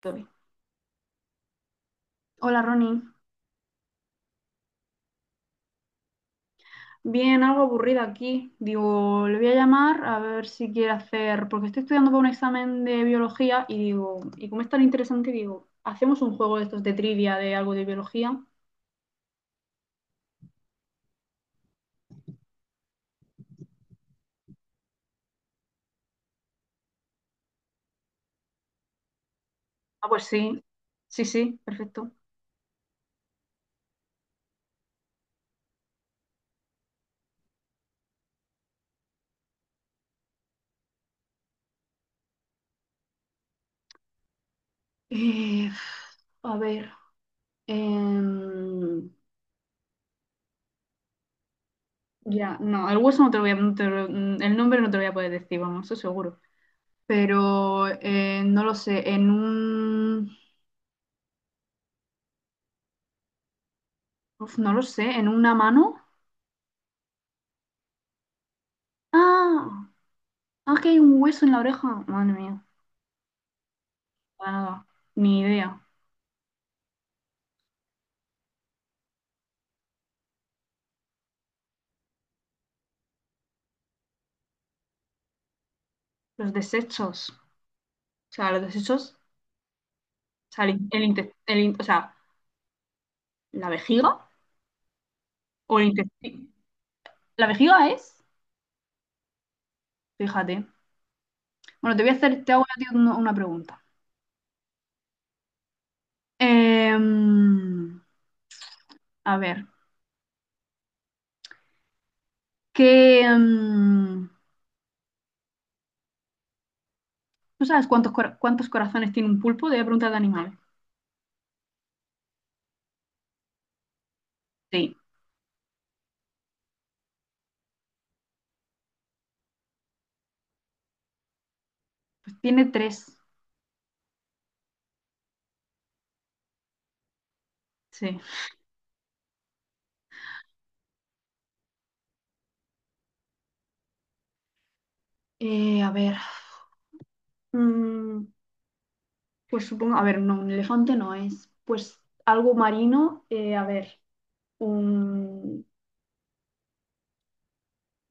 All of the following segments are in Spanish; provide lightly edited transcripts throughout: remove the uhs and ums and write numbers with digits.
Tori. Hola Ronnie. Bien, algo aburrida aquí. Digo, le voy a llamar a ver si quiere hacer, porque estoy estudiando para un examen de biología y digo, y como es tan interesante, digo, ¿hacemos un juego de estos de trivia de algo de biología? Ah, pues sí, sí, sí, perfecto. Eh, a ver, em, ya, no, el hueso no te lo voy a, no te lo- el nombre no te lo voy a poder decir, vamos, eso seguro. Pero no lo sé, uf, no lo sé, en una mano. Ah, Ah, que hay un hueso en la oreja. Madre mía, para nada, ni idea. Los desechos. O sea, los desechos. O sea, el, in- el inte- el in- o sea, la vejiga o el intestino. La vejiga es. Fíjate. Bueno, te hago a ti una pregunta. Em, a ver, ¿qué, em, ¿tú sabes cuántos corazones tiene un pulpo? Te voy a preguntar de animal. Sí, pues tiene tres. Sí. A ver. Mm, Pues supongo, a ver, no, un elefante no es. Pues algo marino, a ver, un,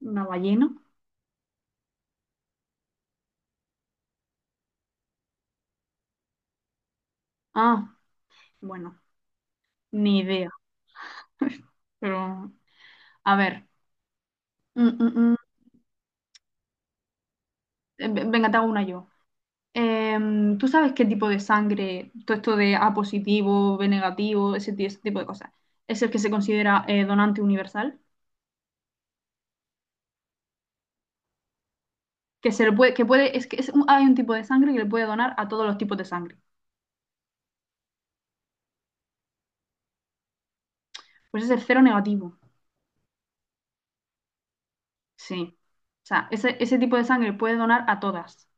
una ballena. Ah, bueno, ni idea, pero a ver. mm, mm, mm, Venga, te hago una yo. ¿Tú sabes qué tipo de sangre, todo esto de A positivo, B negativo, ese tipo de cosas, es el que se considera donante universal? Que se le puede, que puede, es que es un- hay un tipo de sangre que le puede donar a todos los tipos de sangre. Pues ese es cero negativo. Sí. O sea, ese tipo de sangre puede donar a todas.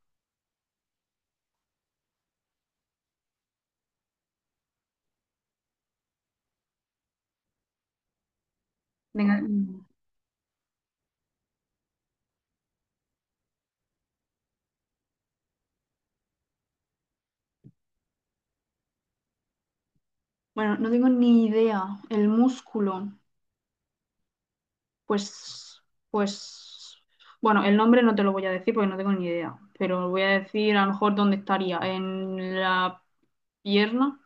Venga. Bueno, no tengo ni idea. El músculo, pues, pues, bueno, el nombre no te lo voy a decir porque no tengo ni idea, pero voy a decir a lo mejor dónde estaría, en la pierna,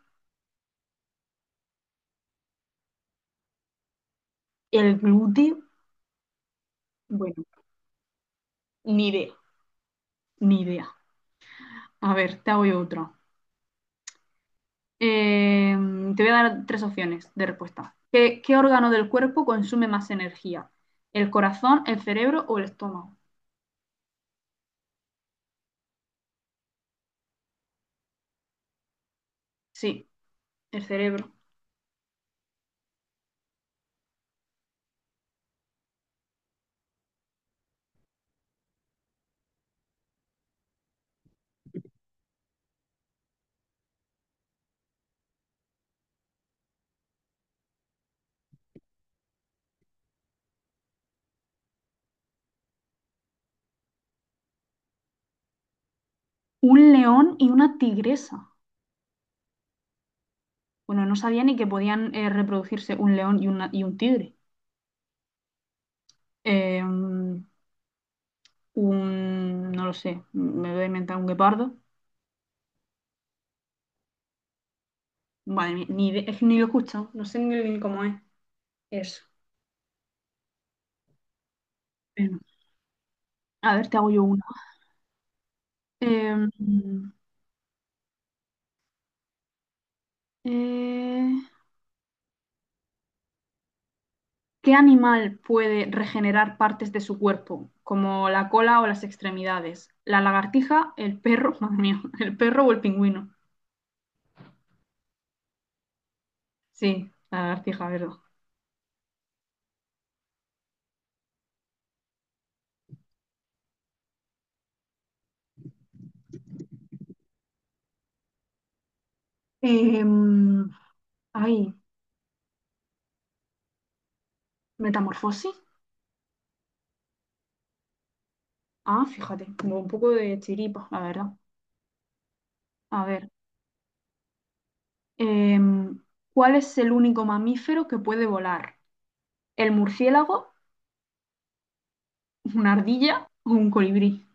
el glúteo. Bueno, ni idea, ni idea. A ver, te hago yo otra. Eh, te voy a dar tres opciones de respuesta. ¿Qué órgano del cuerpo consume más energía? ¿El corazón, el cerebro o el estómago? Sí, el cerebro. Un león y una tigresa. Bueno, no sabía ni que podían reproducirse un león y, una, y un tigre. Eh, un, no lo sé, me voy a inventar un guepardo. Vale, ni, ni de- es que ni lo he escuchado, no sé ni cómo es eso. Bueno, a ver, te hago yo una. Eh, eh, ¿Qué animal puede regenerar partes de su cuerpo, como la cola o las extremidades? ¿La lagartija, el perro, madre mía, el perro o el pingüino? Sí, la lagartija, ¿verdad? Em, ay, metamorfosis. Ah, fíjate, tengo un poco de chiripa, la verdad. A ver, em, ¿cuál es el único mamífero que puede volar? ¿El murciélago, una ardilla o un colibrí?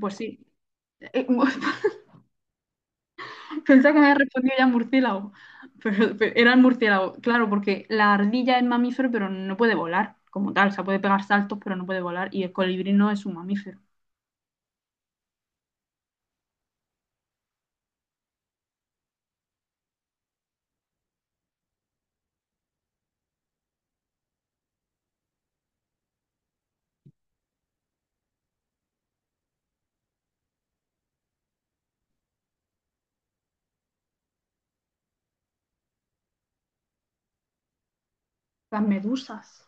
Pues sí. Eh, mu- Pensaba que me había respondido ya murciélago, pero era el murciélago. Claro, porque la ardilla es mamífero, pero no puede volar como tal. O sea, puede pegar saltos, pero no puede volar. Y el colibrí no es un mamífero. Las medusas.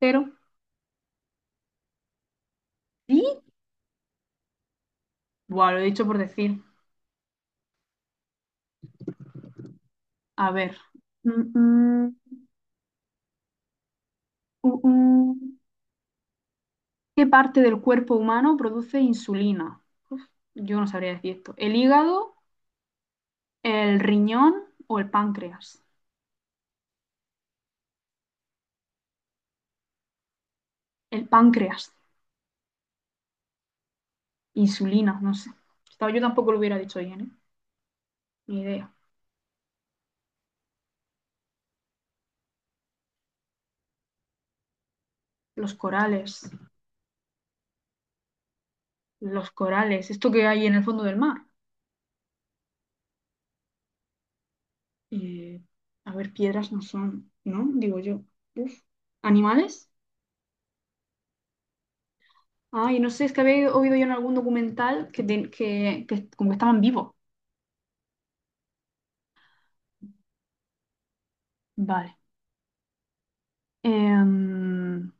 Pero... ¡Sí! Buah, lo he dicho por decir. A ver. Mm, mm, uh, uh. ¿Qué parte del cuerpo humano produce insulina? Uf, yo no sabría decir esto. ¿El hígado, el riñón o el páncreas? El páncreas. Insulina, no sé. Estaba- Yo tampoco lo hubiera dicho bien, ¿eh? Ni idea. Los corales. Los corales. Esto que hay en el fondo del mar. Eh, a ver, piedras no son, ¿no? Digo yo. Uf. ¿Animales? Ay, no sé, es que había oído yo en algún documental que como que estaban vivos. Vale. Em,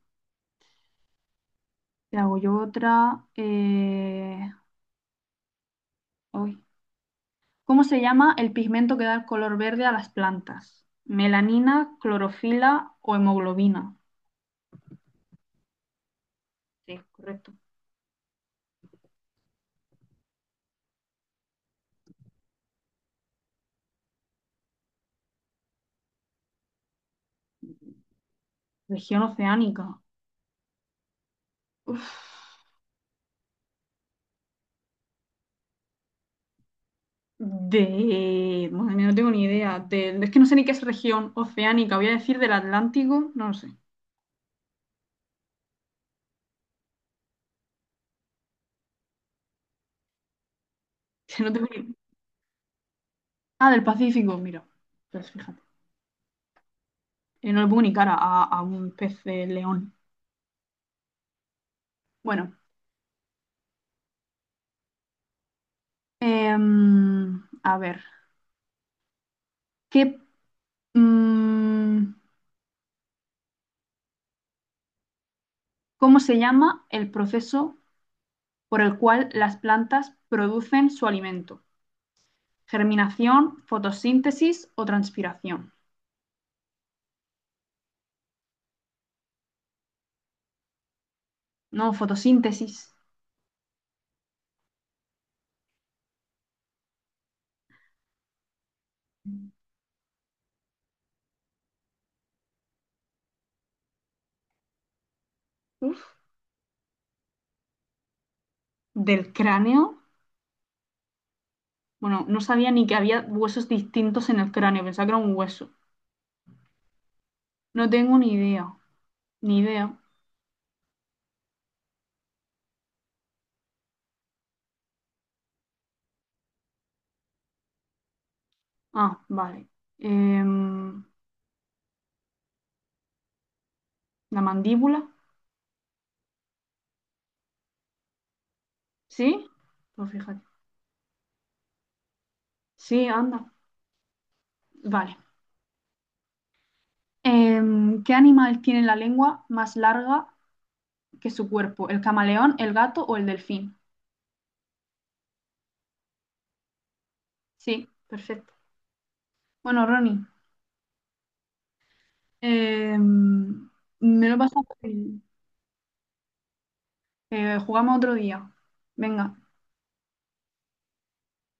te hago yo otra. Ay. ¿Cómo se llama el pigmento que da el color verde a las plantas? ¿Melanina, clorofila o hemoglobina? Sí, correcto. Región oceánica. Uf, de... Madre mía, no tengo ni idea. Es que no sé ni qué es región oceánica. Voy a decir del Atlántico. No lo sé. No tengo ni... Ah, del Pacífico, mira. Pues fíjate. No le pongo ni cara a un pez de león. Bueno, a ver, ¿qué, mm, ¿cómo se llama el proceso por el cual las plantas producen su alimento? ¿Germinación, fotosíntesis o transpiración? No, fotosíntesis. Uf. ¿Del cráneo? Bueno, no sabía ni que había huesos distintos en el cráneo, pensaba que era un hueso. No tengo ni idea, ni idea. Ah, vale. Em, ¿La mandíbula? ¿Sí? Pues fíjate. Sí, anda. Vale. ¿Qué animal tiene la lengua más larga que su cuerpo? ¿El camaleón, el gato o el delfín? Sí, perfecto. Bueno, Ronnie, em, me lo he pasado bien. Jugamos otro día. Venga.